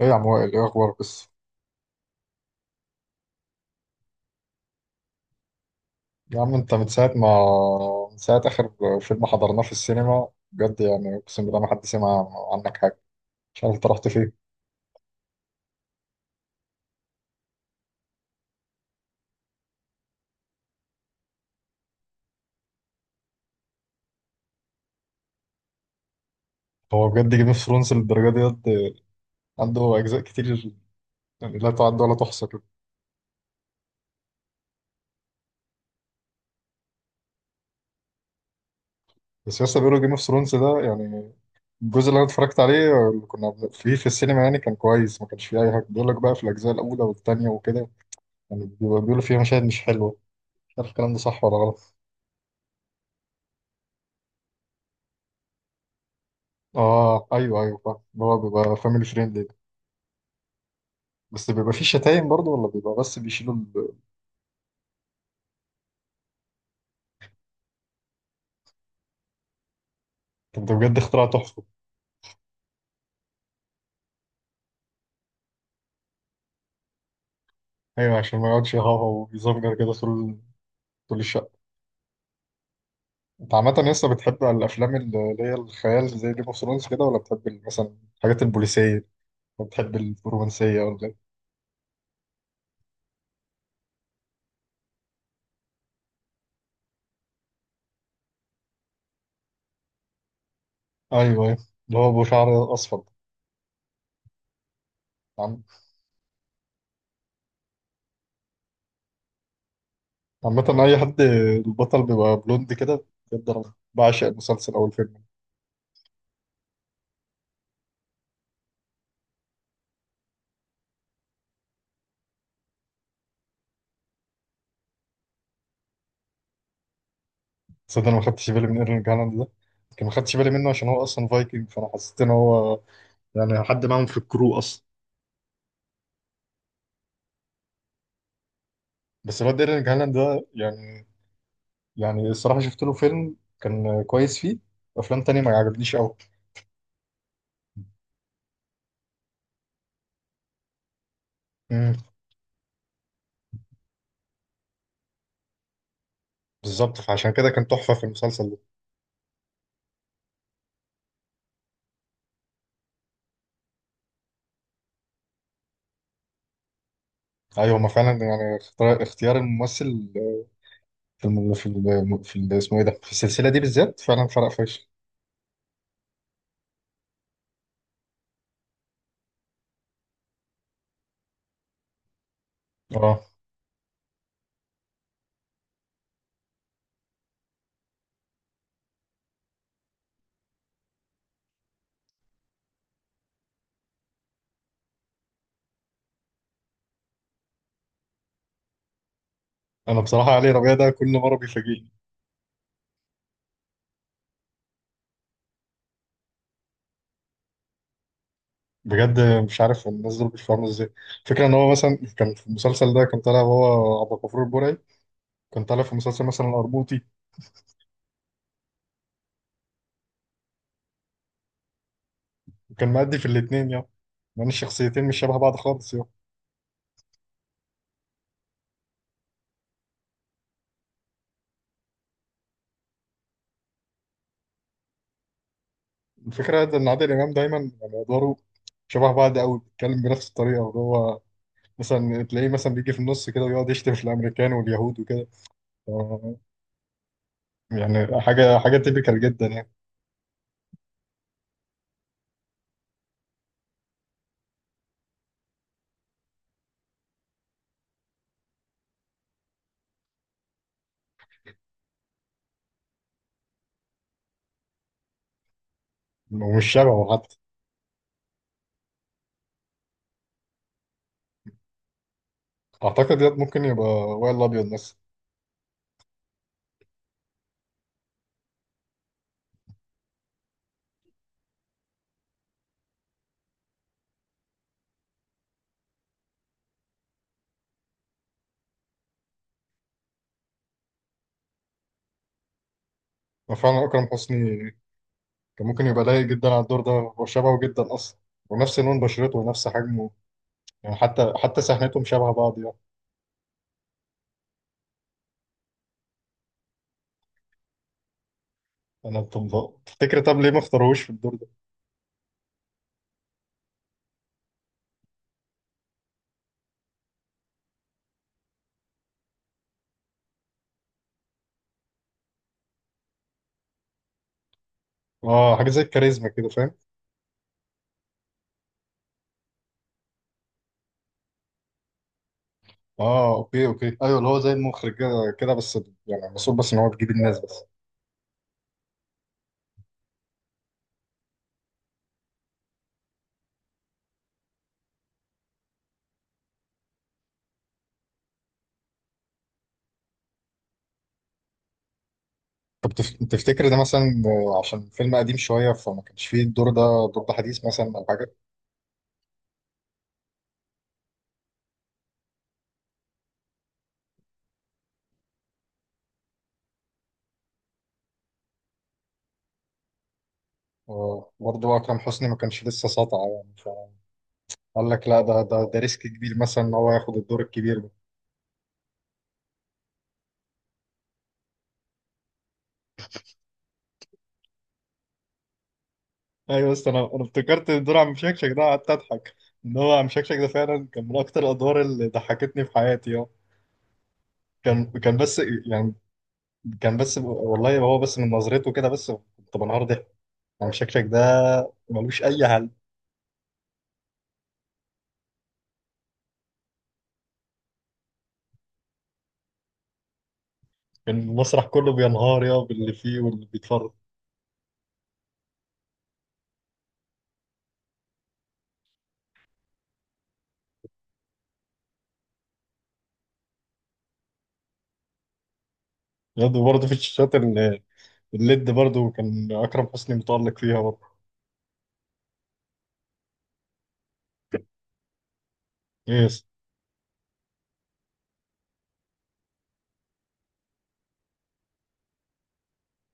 ايه يا عم وائل، ايه اخبارك بس؟ يا عم انت من ساعه ما من ساعه اخر فيلم حضرناه في السينما، بجد يعني اقسم بالله ما حد سمع عنك حاجه، مش عارف انت رحت فين. هو بجد جيم اوف ثرونز للدرجه ديت؟ عنده اجزاء كتير يعني لا تعد ولا تحصى كده؟ بس لسه بيقولوا جيم اوف ثرونز ده يعني الجزء اللي انا اتفرجت عليه اللي فيه في السينما يعني كان كويس، ما كانش فيه اي حاجه، بيقول لك بقى في الاجزاء الاولى والثانيه وكده يعني بيقولوا فيها مشاهد مش حلوه، مش عارف الكلام ده صح ولا غلط. اه ايوه ايوه، فاهم اللي هو بيبقى فاميلي فريندلي. بس بيبقى فيه شتايم برضه، ولا بيبقى بس بيشيلوا ال... طب ده بجد اختراع تحفة. ايوه عشان ما يقعدش يهوهو ويزمجر كده طول طول الشقة. انت عامة لسه بتحب الافلام اللي هي الخيال زي جيم اوف ثرونز كده، ولا بتحب مثلا الحاجات البوليسية، ولا بتحب الرومانسية ولا ايه؟ ايوه ايوه، اللي هو ابو شعر اصفر. عم- عامة اي حد البطل بيبقى بلوند كده، بجد انا بعشق المسلسل او الفيلم. تصدق انا ما خدتش بالي من ايرلينج هالاند ده، يمكن ما خدتش بالي منه عشان هو اصلا فايكنج، فانا حسيت ان هو يعني حد معاهم في الكرو اصلا. بس الواد ايرلينج هالاند ده يعني، يعني الصراحه شفت له فيلم كان كويس، فيه افلام تانية ما عجبنيش قوي. امم، بالظبط، فعشان كده كان تحفه في المسلسل ده. ايوه ما فعلا، يعني اختيار الممثل في اسمه ايه ده في السلسله دي بالذات فعلا فرق فشخ. اه، انا بصراحه علي ربيع ده كل مره بيفاجئني. بجد مش عارف الناس دول بيفهموا ازاي فكرة ان هو مثلا كان في المسلسل ده كان طالع هو عبد الغفور البرعي، كان طالع في مسلسل مثلا الارموطي. كان مأدي في الاتنين يا، لأن الشخصيتين مش شبه بعض خالص يا. الفكرة إن عادل إمام دايما يعني أدواره شبه بعض أوي، بيتكلم بنفس الطريقة وهو هو. مثلا تلاقيه مثلا بيجي في النص كده ويقعد يشتم في الأمريكان واليهود وكده. ف- يعني حاجة تيبيكال جدا يعني. ومش شبهه حتى. أعتقد ياد ممكن يبقى وائل الأبيض مثلا. فعلا أكرم حسني كان ممكن يبقى لايق جدا على الدور ده، هو شبهه جدا أصلا، ونفس لون بشرته ونفس حجمه. يعني حتى سحنتهم شبه بعض يعني. أنا طب تفتكر، طب ليه ما اختاروش في الدور ده؟ اه حاجه زي الكاريزما كده، فاهم. اه اوكي اوكي ايوه، اللي هو زي المخرج كده كده بس. يعني المفروض بس ان هو بيجيب الناس بس. تفتكر ده مثلا عشان فيلم قديم شويه فما كانش فيه الدور ده، الدور ده حديث مثلا او حاجه. برضه اكرم حسني ما كانش لسه ساطع يعني. فقال لك لا، ده ده ريسك كبير مثلا ان هو ياخد الدور الكبير ده. ايوه بس انا افتكرت دور عم شكشك ده قعدت اضحك. ان هو عم شكشك ده فعلا كان من اكتر الادوار اللي ضحكتني في حياتي. اه، كان بس يعني كان بس والله هو بس من نظرته كده بس كنت بنهار ضحك. يعني شكلك ده ملوش اي حل. كان المسرح كله بينهار يا باللي فيه واللي بيتفرج. برضه في الشاشات الليد برضه كان اكرم حسني متالق فيها برضه. يس.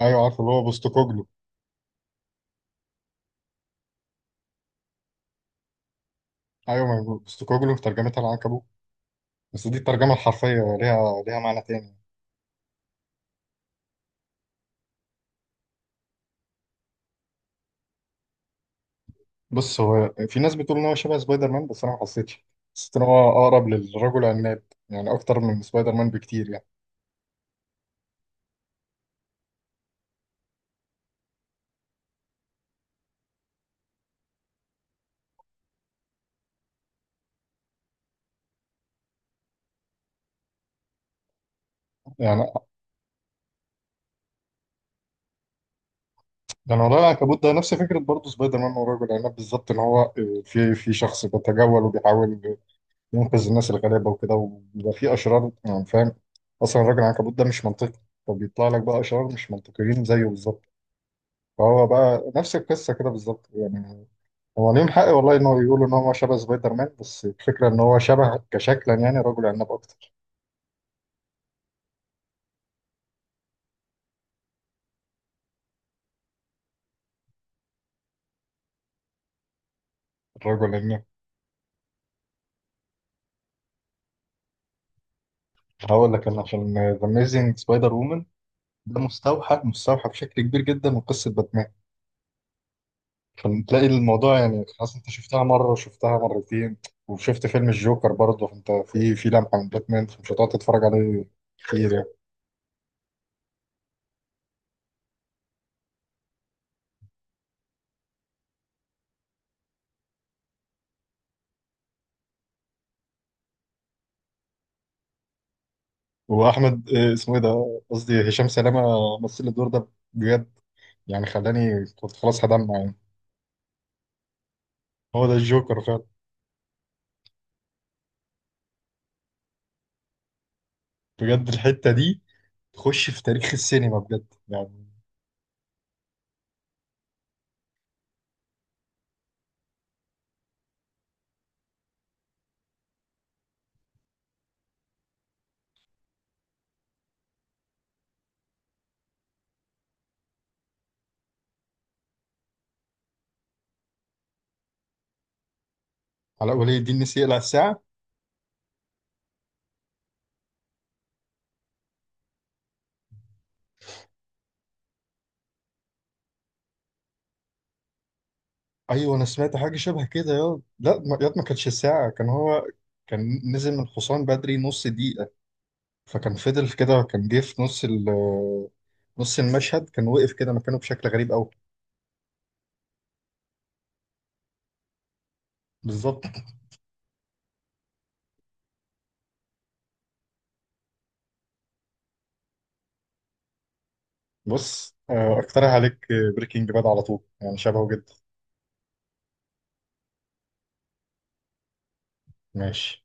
ايوه عارف اللي هو بوستوكوجلو. ايوه، ما هو بوستوكوجلو ترجمتها العنكبوت، بس دي الترجمه الحرفيه، ليها معنى تاني. بص، هو في ناس بتقول ان هو شبه سبايدر مان، بس انا ما حسيتش، حسيت ان هو اقرب للرجل العناب، يعني اكتر من سبايدر مان بكتير يعني. يعني ده انا ورايا العنكبوت ده نفس فكره برضه سبايدر مان ورجل العناب بالظبط، ان هو في شخص بيتجول وبيحاول ينقذ الناس الغلابه وكده وبيبقى في اشرار يعني، فاهم؟ اصلا الراجل العنكبوت ده مش منطقي، فبيطلع لك بقى اشرار مش منطقيين زيه بالظبط. فهو بقى نفس القصه كده بالظبط يعني. هو ليهم حق والله ان هو يقولوا ان هو شبه سبايدر مان، بس الفكره ان هو شبه كشكلا يعني رجل عناب اكتر. الرجل عناب، هقول لك انا، عشان ذا اميزنج سبايدر وومن ده مستوحى بشكل كبير جدا من قصه باتمان، فتلاقي الموضوع يعني خلاص انت شفتها مره وشفتها مرتين وشفت فيلم الجوكر برضه، فانت في لمحه من باتمان، فمش هتقعد تتفرج عليه كتير يعني. واحمد اسمه ايه ده، قصدي هشام سلامه، مثل الدور ده بجد، يعني خلاني كنت خلاص هدمع يعني. هو ده الجوكر فعلا. بجد الحته دي تخش في تاريخ السينما بجد يعني. علاء ولي الدين نسي يقلع الساعه؟ ايوه انا سمعت حاجه شبه كده، يا لا يا ما كانتش الساعه، كان هو كان نزل من الحصان بدري نص دقيقة، فكان فضل في كده كان جه في نص نص المشهد، كان وقف كده مكانه بشكل غريب قوي. بالظبط. بص اقترح عليك بريكنج باد على طول، يعني شبهه جدا. ماشي.